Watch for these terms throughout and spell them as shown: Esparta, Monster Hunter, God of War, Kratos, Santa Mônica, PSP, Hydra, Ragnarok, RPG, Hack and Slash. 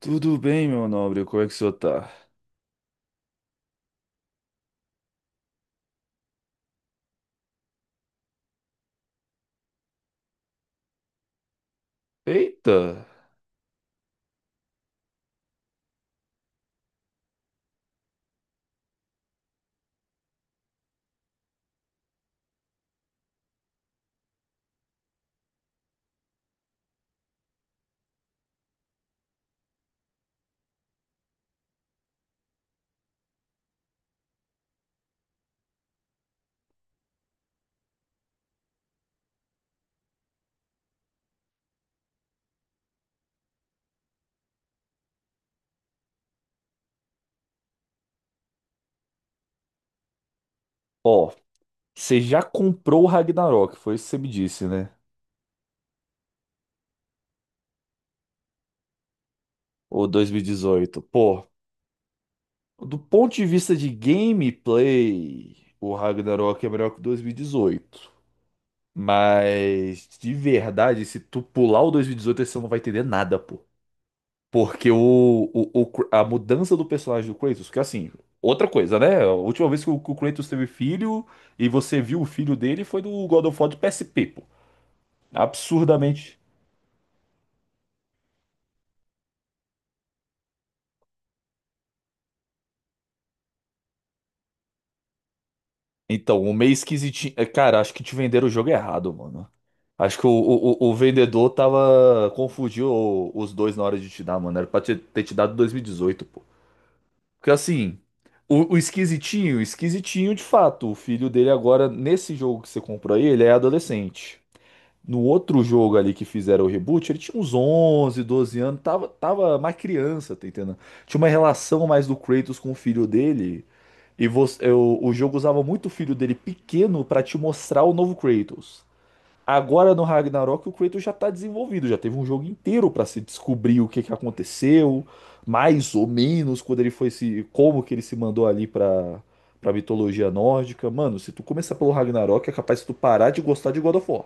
Tudo bem, meu nobre, como é que o senhor tá? Eita! Ó, você já comprou o Ragnarok, foi isso que você me disse, né? Ou 2018. Pô, do ponto de vista de gameplay, o Ragnarok é melhor que o 2018. Mas, de verdade, se tu pular o 2018, você não vai entender nada, pô. Porque a mudança do personagem do Kratos, que assim, outra coisa, né? A última vez que o Kratos teve filho e você viu o filho dele foi do God of War de PSP, pô. Absurdamente. Então, o meio esquisitinho. É, cara, acho que te venderam o jogo errado, mano. Acho que o vendedor tava. Confundiu os dois na hora de te dar, mano. Era pra ter te dado 2018, pô. Porque assim, o esquisitinho, esquisitinho de fato. O filho dele agora, nesse jogo que você comprou aí, ele é adolescente. No outro jogo ali que fizeram o reboot, ele tinha uns 11, 12 anos, tava mais criança, tá entendendo? Tinha uma relação mais do Kratos com o filho dele. E você, o jogo usava muito o filho dele pequeno pra te mostrar o novo Kratos. Agora no Ragnarok o Kratos já tá desenvolvido, já teve um jogo inteiro pra se descobrir o que que aconteceu, mais ou menos quando ele foi se, como que ele se mandou ali pra para mitologia nórdica. Mano, se tu começar pelo Ragnarok é capaz de tu parar de gostar de God of War.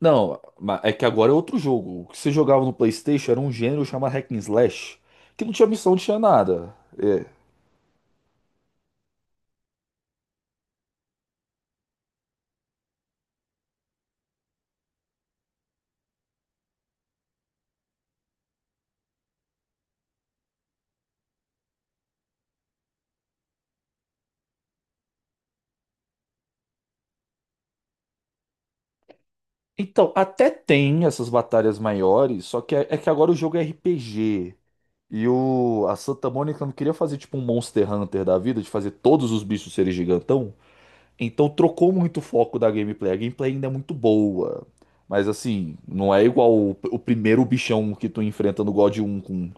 Não, é que agora é outro jogo. O que você jogava no PlayStation era um gênero chamado Hack and Slash, que não tinha missão, não tinha nada. Então, até tem essas batalhas maiores, só que é que agora o jogo é RPG. E a Santa Mônica não queria fazer tipo um Monster Hunter da vida, de fazer todos os bichos serem gigantão. Então trocou muito o foco da gameplay. A gameplay ainda é muito boa. Mas assim, não é igual o primeiro bichão que tu enfrenta no God 1 com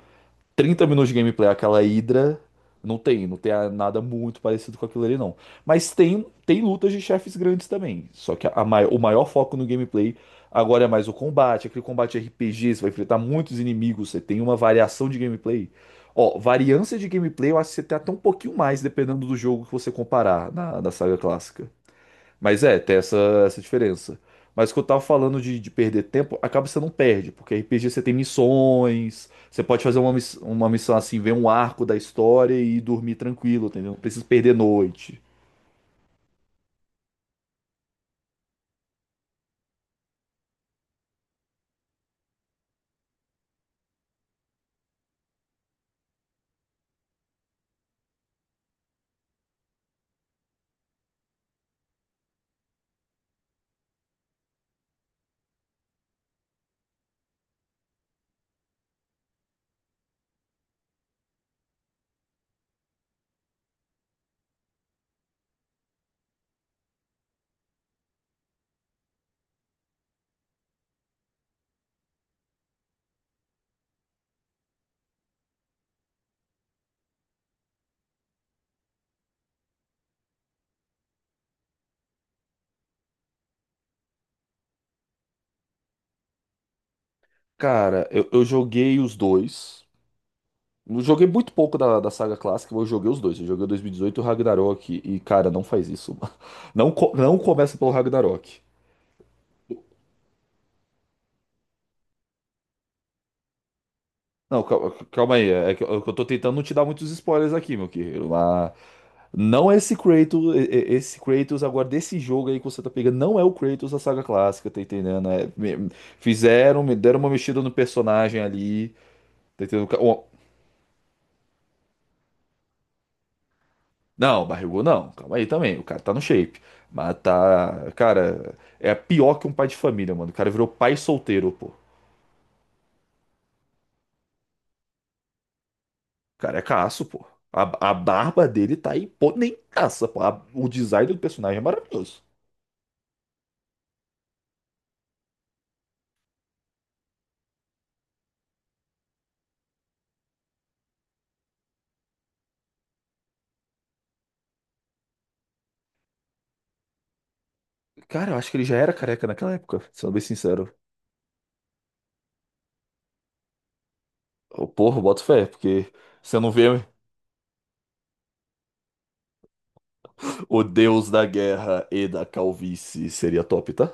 trinta minutos de gameplay, aquela Hydra, não tem nada muito parecido com aquilo ali, não. Mas tem, tem lutas de chefes grandes também. Só que o maior foco no gameplay agora é mais o combate, aquele combate RPG. Você vai enfrentar muitos inimigos, você tem uma variação de gameplay. Ó, variância de gameplay, eu acho que você tem até um pouquinho mais, dependendo do jogo que você comparar da saga clássica. Mas é, tem essa diferença. Mas o que eu tava falando de perder tempo, acaba que você não perde, porque RPG você tem missões, você pode fazer uma, uma missão assim, ver um arco da história e dormir tranquilo, entendeu? Não precisa perder noite. Cara, eu joguei os dois. Eu joguei muito pouco da saga clássica, mas eu joguei os dois. Eu joguei o 2018 e dezoito e o Ragnarok. E, cara, não faz isso. Mano. Não, não começa pelo Ragnarok. Não, calma aí. É é que eu tô tentando não te dar muitos spoilers aqui, meu querido. Mas não é esse Kratos. Esse Kratos agora desse jogo aí que você tá pegando não é o Kratos da saga clássica, tá entendendo? É, fizeram, me deram uma mexida no personagem ali, tá entendendo? Não, barrigou não, calma aí também, o cara tá no shape, mas tá, cara, é pior que um pai de família, mano, o cara virou pai solteiro, pô. O cara é caço, pô. A barba dele tá aí, pô, nem caça, pô. O design do personagem é maravilhoso. Cara, eu acho que ele já era careca naquela época, sendo bem sincero. Ô, porra, boto fé, porque você não vê. O deus da guerra e da calvície seria top, tá?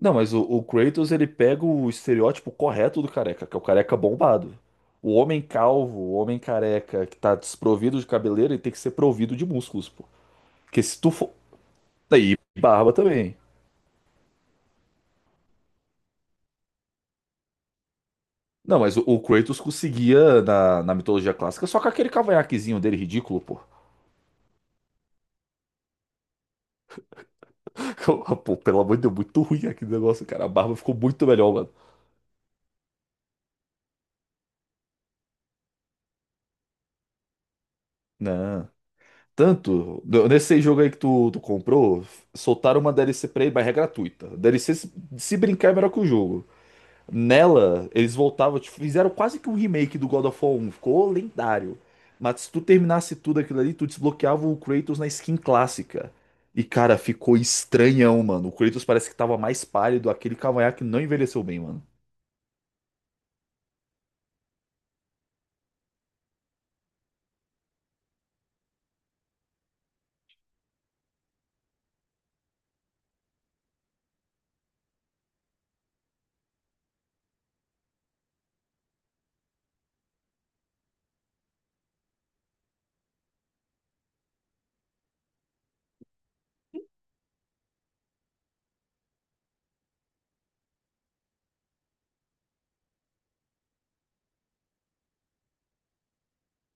Não, mas o Kratos ele pega o estereótipo correto do careca, que é o careca bombado. O homem calvo, o homem careca que tá desprovido de cabeleira, ele tem que ser provido de músculos, pô. Porque se tu for. Daí, barba também. Não, mas o Kratos conseguia, na mitologia clássica, só com aquele cavanhaquezinho dele ridículo, pô. Pô, pelo amor de Deus, muito ruim aquele negócio, cara. A barba ficou muito melhor, mano. Não. Tanto, nesse jogo aí que tu comprou, soltaram uma DLC pra ele, mas é gratuita. DLC, se brincar, é melhor que o jogo. Nela, eles voltavam, tipo, fizeram quase que um remake do God of War um ficou lendário. Mas se tu terminasse tudo aquilo ali, tu desbloqueava o Kratos na skin clássica. E cara, ficou estranhão, mano. O Kratos parece que tava mais pálido, aquele cavanhaque não envelheceu bem, mano.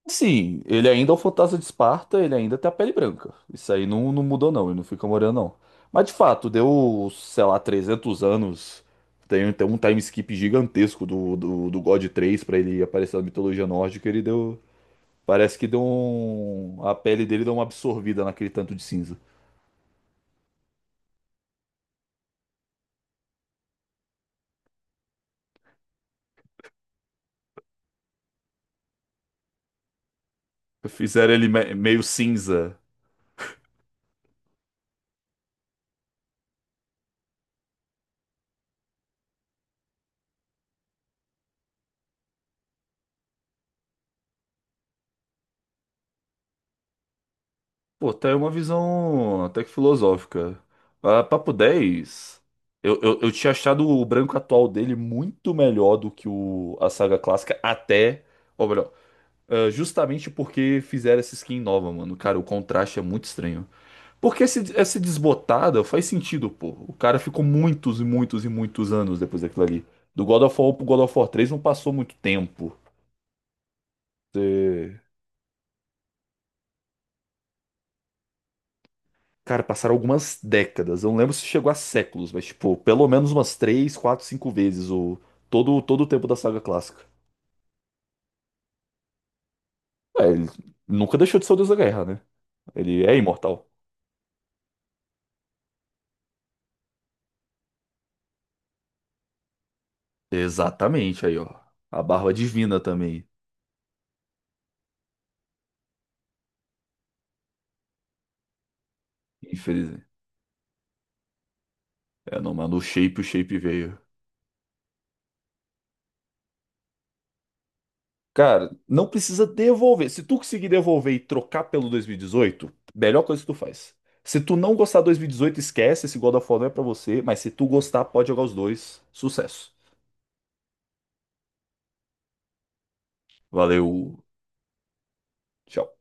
Sim, ele ainda é o fantasma de Esparta, ele ainda tem a pele branca. Isso aí não, não mudou, não, ele não fica moreno, não. Mas de fato, deu, sei lá, 300 anos. Tem, tem um time skip gigantesco do God três pra ele aparecer na mitologia nórdica. Ele deu. Parece que deu um. A pele dele deu uma absorvida naquele tanto de cinza. Fizeram ele meio cinza. Pô, tá aí uma visão até que filosófica. Ah, papo 10. Eu tinha achado o branco atual dele muito melhor do que a saga clássica, até. Ou melhor, ah, justamente porque fizeram essa skin nova, mano. Cara, o contraste é muito estranho. Porque essa desbotada faz sentido, pô. O cara ficou muitos e muitos e muitos anos depois daquilo ali. Do God of War pro God of War 3 não passou muito tempo. É, cara, passaram algumas décadas. Eu não lembro se chegou a séculos, mas, tipo, pelo menos umas 3 4 5 vezes o... todo o tempo da saga clássica. É, ele nunca deixou de ser o Deus da Guerra, né? Ele é imortal. Exatamente, aí, ó. A barba divina também, infelizmente. É, não, mano, o shape veio. Cara, não precisa devolver. Se tu conseguir devolver e trocar pelo 2018, melhor coisa que tu faz. Se tu não gostar do 2018, esquece. Esse God of War não é pra você. Mas se tu gostar, pode jogar os dois. Sucesso. Valeu. Tchau.